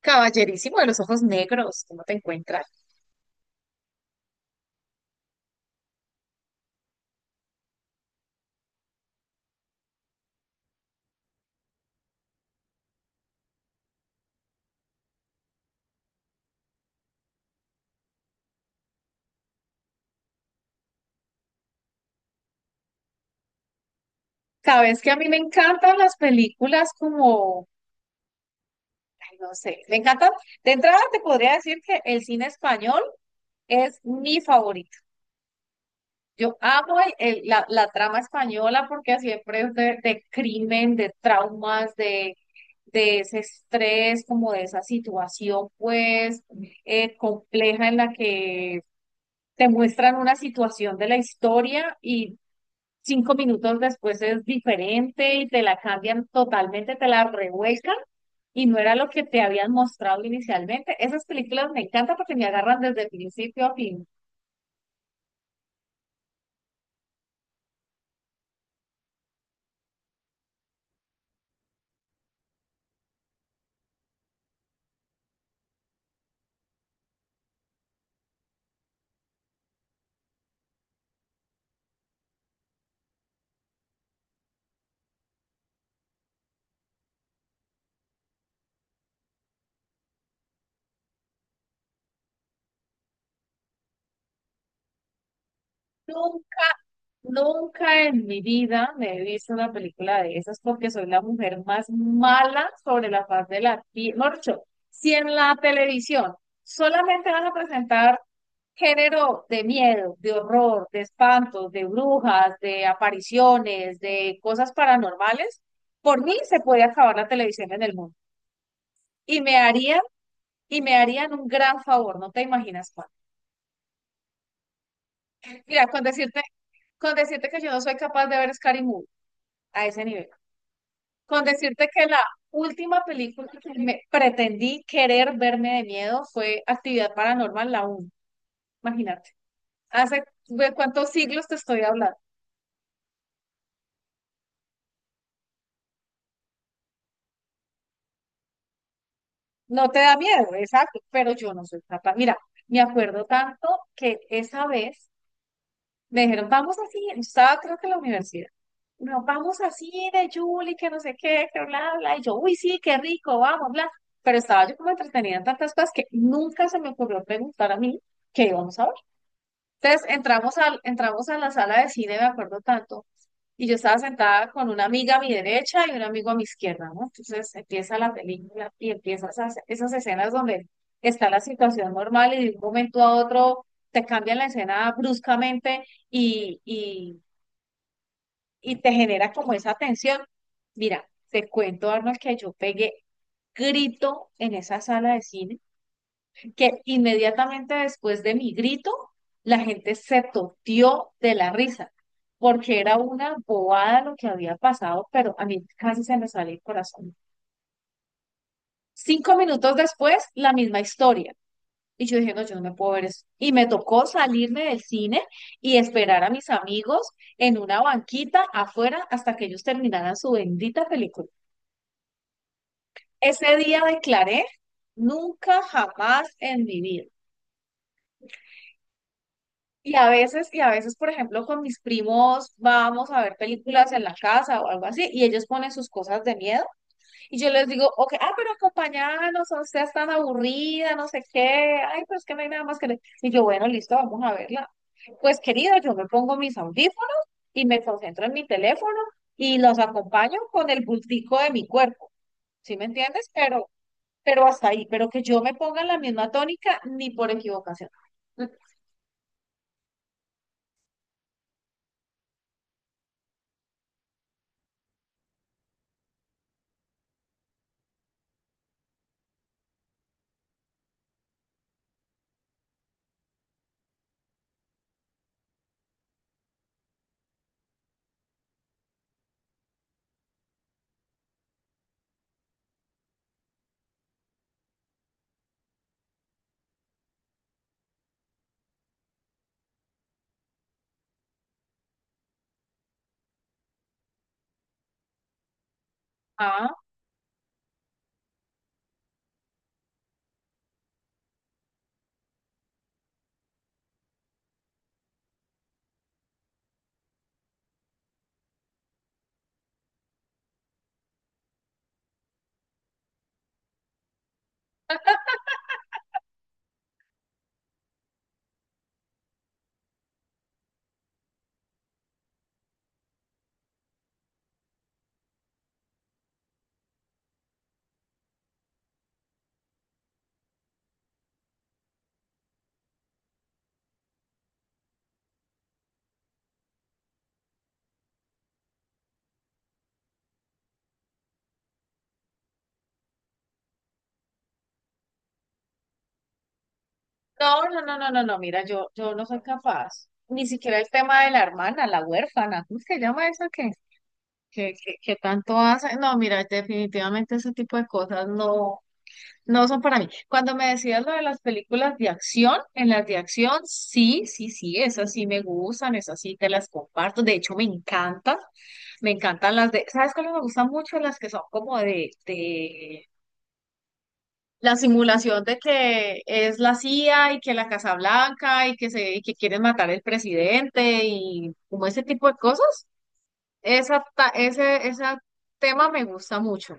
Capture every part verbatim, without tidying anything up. Caballerísimo de los ojos negros, ¿cómo te encuentras? Sabes que a mí me encantan las películas como, ay, no sé, me encantan. De entrada te podría decir que el cine español es mi favorito. Yo amo el- el- la, la trama española porque siempre es de, de crimen, de traumas, de, de ese estrés, como de esa situación pues eh, compleja en la que te muestran una situación de la historia cinco minutos después es diferente y te la cambian totalmente, te la revuelcan y no era lo que te habían mostrado inicialmente. Esas películas me encantan porque me agarran desde principio a fin. Nunca en mi vida me he visto una película de esas porque soy la mujer más mala sobre la faz de la tierra. Morcho, si en la televisión solamente van a presentar género de miedo, de horror, de espantos, de brujas, de apariciones, de cosas paranormales, por mí se puede acabar la televisión en el mundo. Y me harían, y me harían un gran favor, no te imaginas cuál. Mira, con decirte, con decirte que yo no soy capaz de ver Scary Movie a ese nivel. Con decirte que la última película que me pretendí querer verme de miedo fue Actividad Paranormal, la uno. Imagínate. Hace de cuántos siglos te estoy hablando. No te da miedo, exacto, pero yo no soy capaz. Mira, me acuerdo tanto que esa vez me dijeron, vamos así, yo estaba creo que en la universidad. No, vamos así de Julie, que no sé qué, que bla, bla. Y yo, uy, sí, qué rico, vamos, bla. Pero estaba yo como entretenida en tantas cosas que nunca se me ocurrió preguntar a mí qué íbamos a ver. Entonces entramos, al, entramos a la sala de cine, me acuerdo tanto, y yo estaba sentada con una amiga a mi derecha y un amigo a mi izquierda, ¿no? Entonces empieza la película y empiezan esas, esas escenas donde está la situación normal y de un momento a otro te cambian la escena bruscamente y, y, y te genera como esa tensión. Mira, te cuento, Arnold, que yo pegué grito en esa sala de cine que inmediatamente después de mi grito, la gente se toteó de la risa, porque era una bobada lo que había pasado, pero a mí casi se me sale el corazón. Cinco minutos después, la misma historia. Y yo dije, no, yo no me puedo ver eso. Y me tocó salirme del cine y esperar a mis amigos en una banquita afuera hasta que ellos terminaran su bendita película. Ese día declaré, nunca jamás en mi vida. Y a veces, y a veces, por ejemplo, con mis primos vamos a ver películas en la casa o algo así, y ellos ponen sus cosas de miedo, y yo les digo, ok, ah, pero acompáñanos, o sea, es tan aburrida, no sé qué, ay, pero es que no hay nada más que le... Y yo, bueno, listo, vamos a verla. Pues, querido, yo me pongo mis audífonos y me concentro en mi teléfono y los acompaño con el bultico de mi cuerpo, ¿sí me entiendes? Pero, pero hasta ahí, pero que yo me ponga en la misma tónica, ni por equivocación. Ah, No, no, no, no, no, no, mira, yo, yo no soy capaz. Ni siquiera el tema de la hermana, la huérfana, ¿cómo se llama esa que, que, que, que tanto hace? No, mira, definitivamente ese tipo de cosas no, no son para mí. Cuando me decías lo de las películas de acción, en las de acción, sí, sí, sí, esas sí me gustan, esas sí te las comparto. De hecho, me encantan, me encantan las de, ¿sabes cuáles me gustan mucho? Las que son como de, de la simulación de que es la C I A y que la Casa Blanca y que se y que quieren matar al presidente y como ese tipo de cosas. Esa, ta- ese, ese tema me gusta mucho.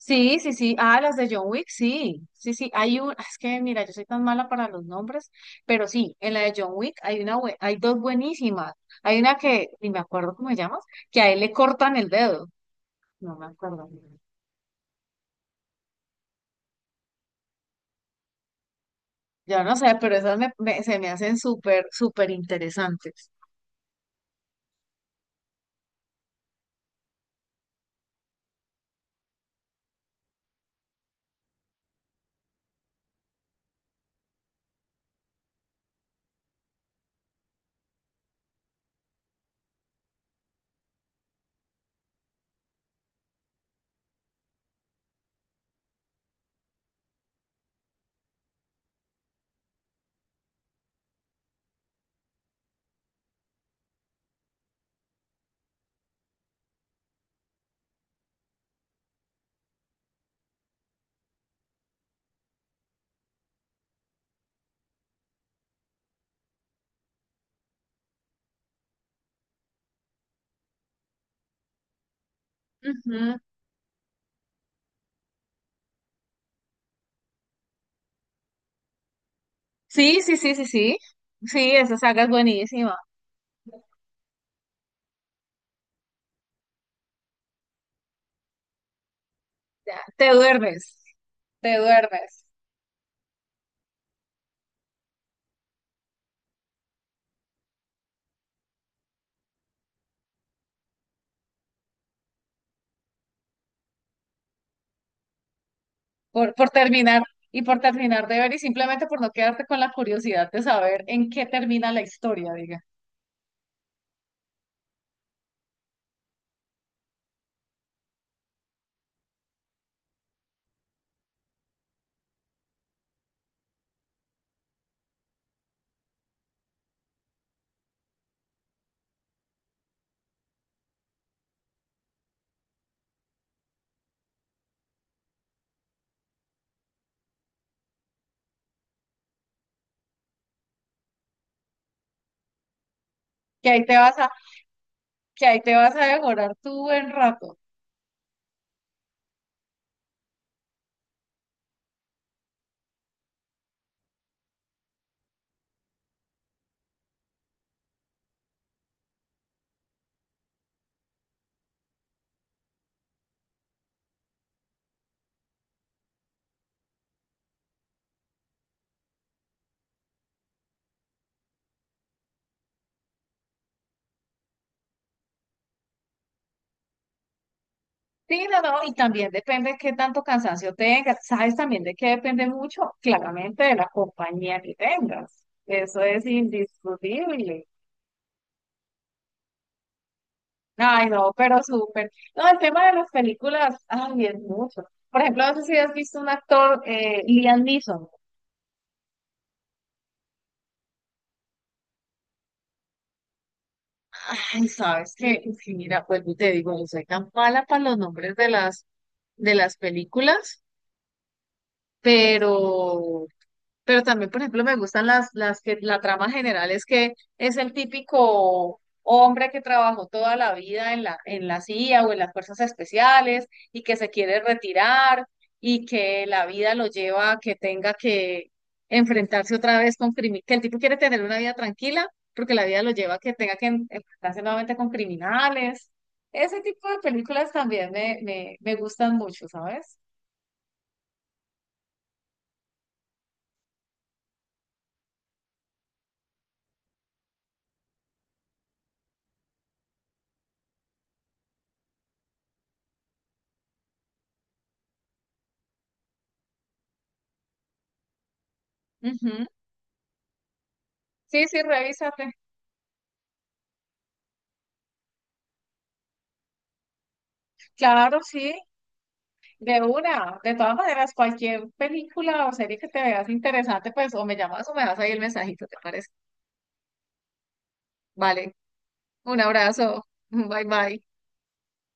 Sí, sí, sí. Ah, las de John Wick, sí. Sí, sí. Hay un, es que mira, yo soy tan mala para los nombres, pero sí, en la de John Wick hay una, bue- hay dos buenísimas. Hay una que, ni me acuerdo cómo se llama, que a él le cortan el dedo. No me acuerdo. Yo no sé, pero esas me- me- se me hacen súper, súper interesantes. Ujú. Sí, sí, sí, sí, sí. Sí, esa saga es buenísima. Ya, te duermes, te duermes por, por terminar y por terminar de ver y simplemente por no quedarte con la curiosidad de saber en qué termina la historia, diga. Que ahí te vas a, que ahí te vas a devorar tu buen rato. Sí, no, no, y también depende de qué tanto cansancio tengas. ¿Sabes también de qué depende mucho? Claramente de la compañía que tengas. Eso es indiscutible. Ay, no, pero súper. No, el tema de las películas, ay, es mucho. Por ejemplo, no sé si has visto un actor, eh, Liam Neeson. Ay, sabes que, sí, mira, pues te digo, yo soy tan mala para los nombres de las, de las películas, pero Pero también, por ejemplo, me gustan las, las que la trama general es que es el típico hombre que trabajó toda la vida en la, en la C I A o en las fuerzas especiales y que se quiere retirar y que la vida lo lleva a que tenga que enfrentarse otra vez con criminales, que el tipo quiere tener una vida tranquila porque la vida lo lleva a que tenga que en- enfrentarse nuevamente con criminales. Ese tipo de películas también me, me, me gustan mucho, ¿sabes? Ujú. Sí, sí, revísate. Claro, sí. De una, de todas maneras, cualquier película o serie que te veas interesante, pues o me llamas o me das ahí el mensajito, ¿te parece? Vale, un abrazo, bye bye.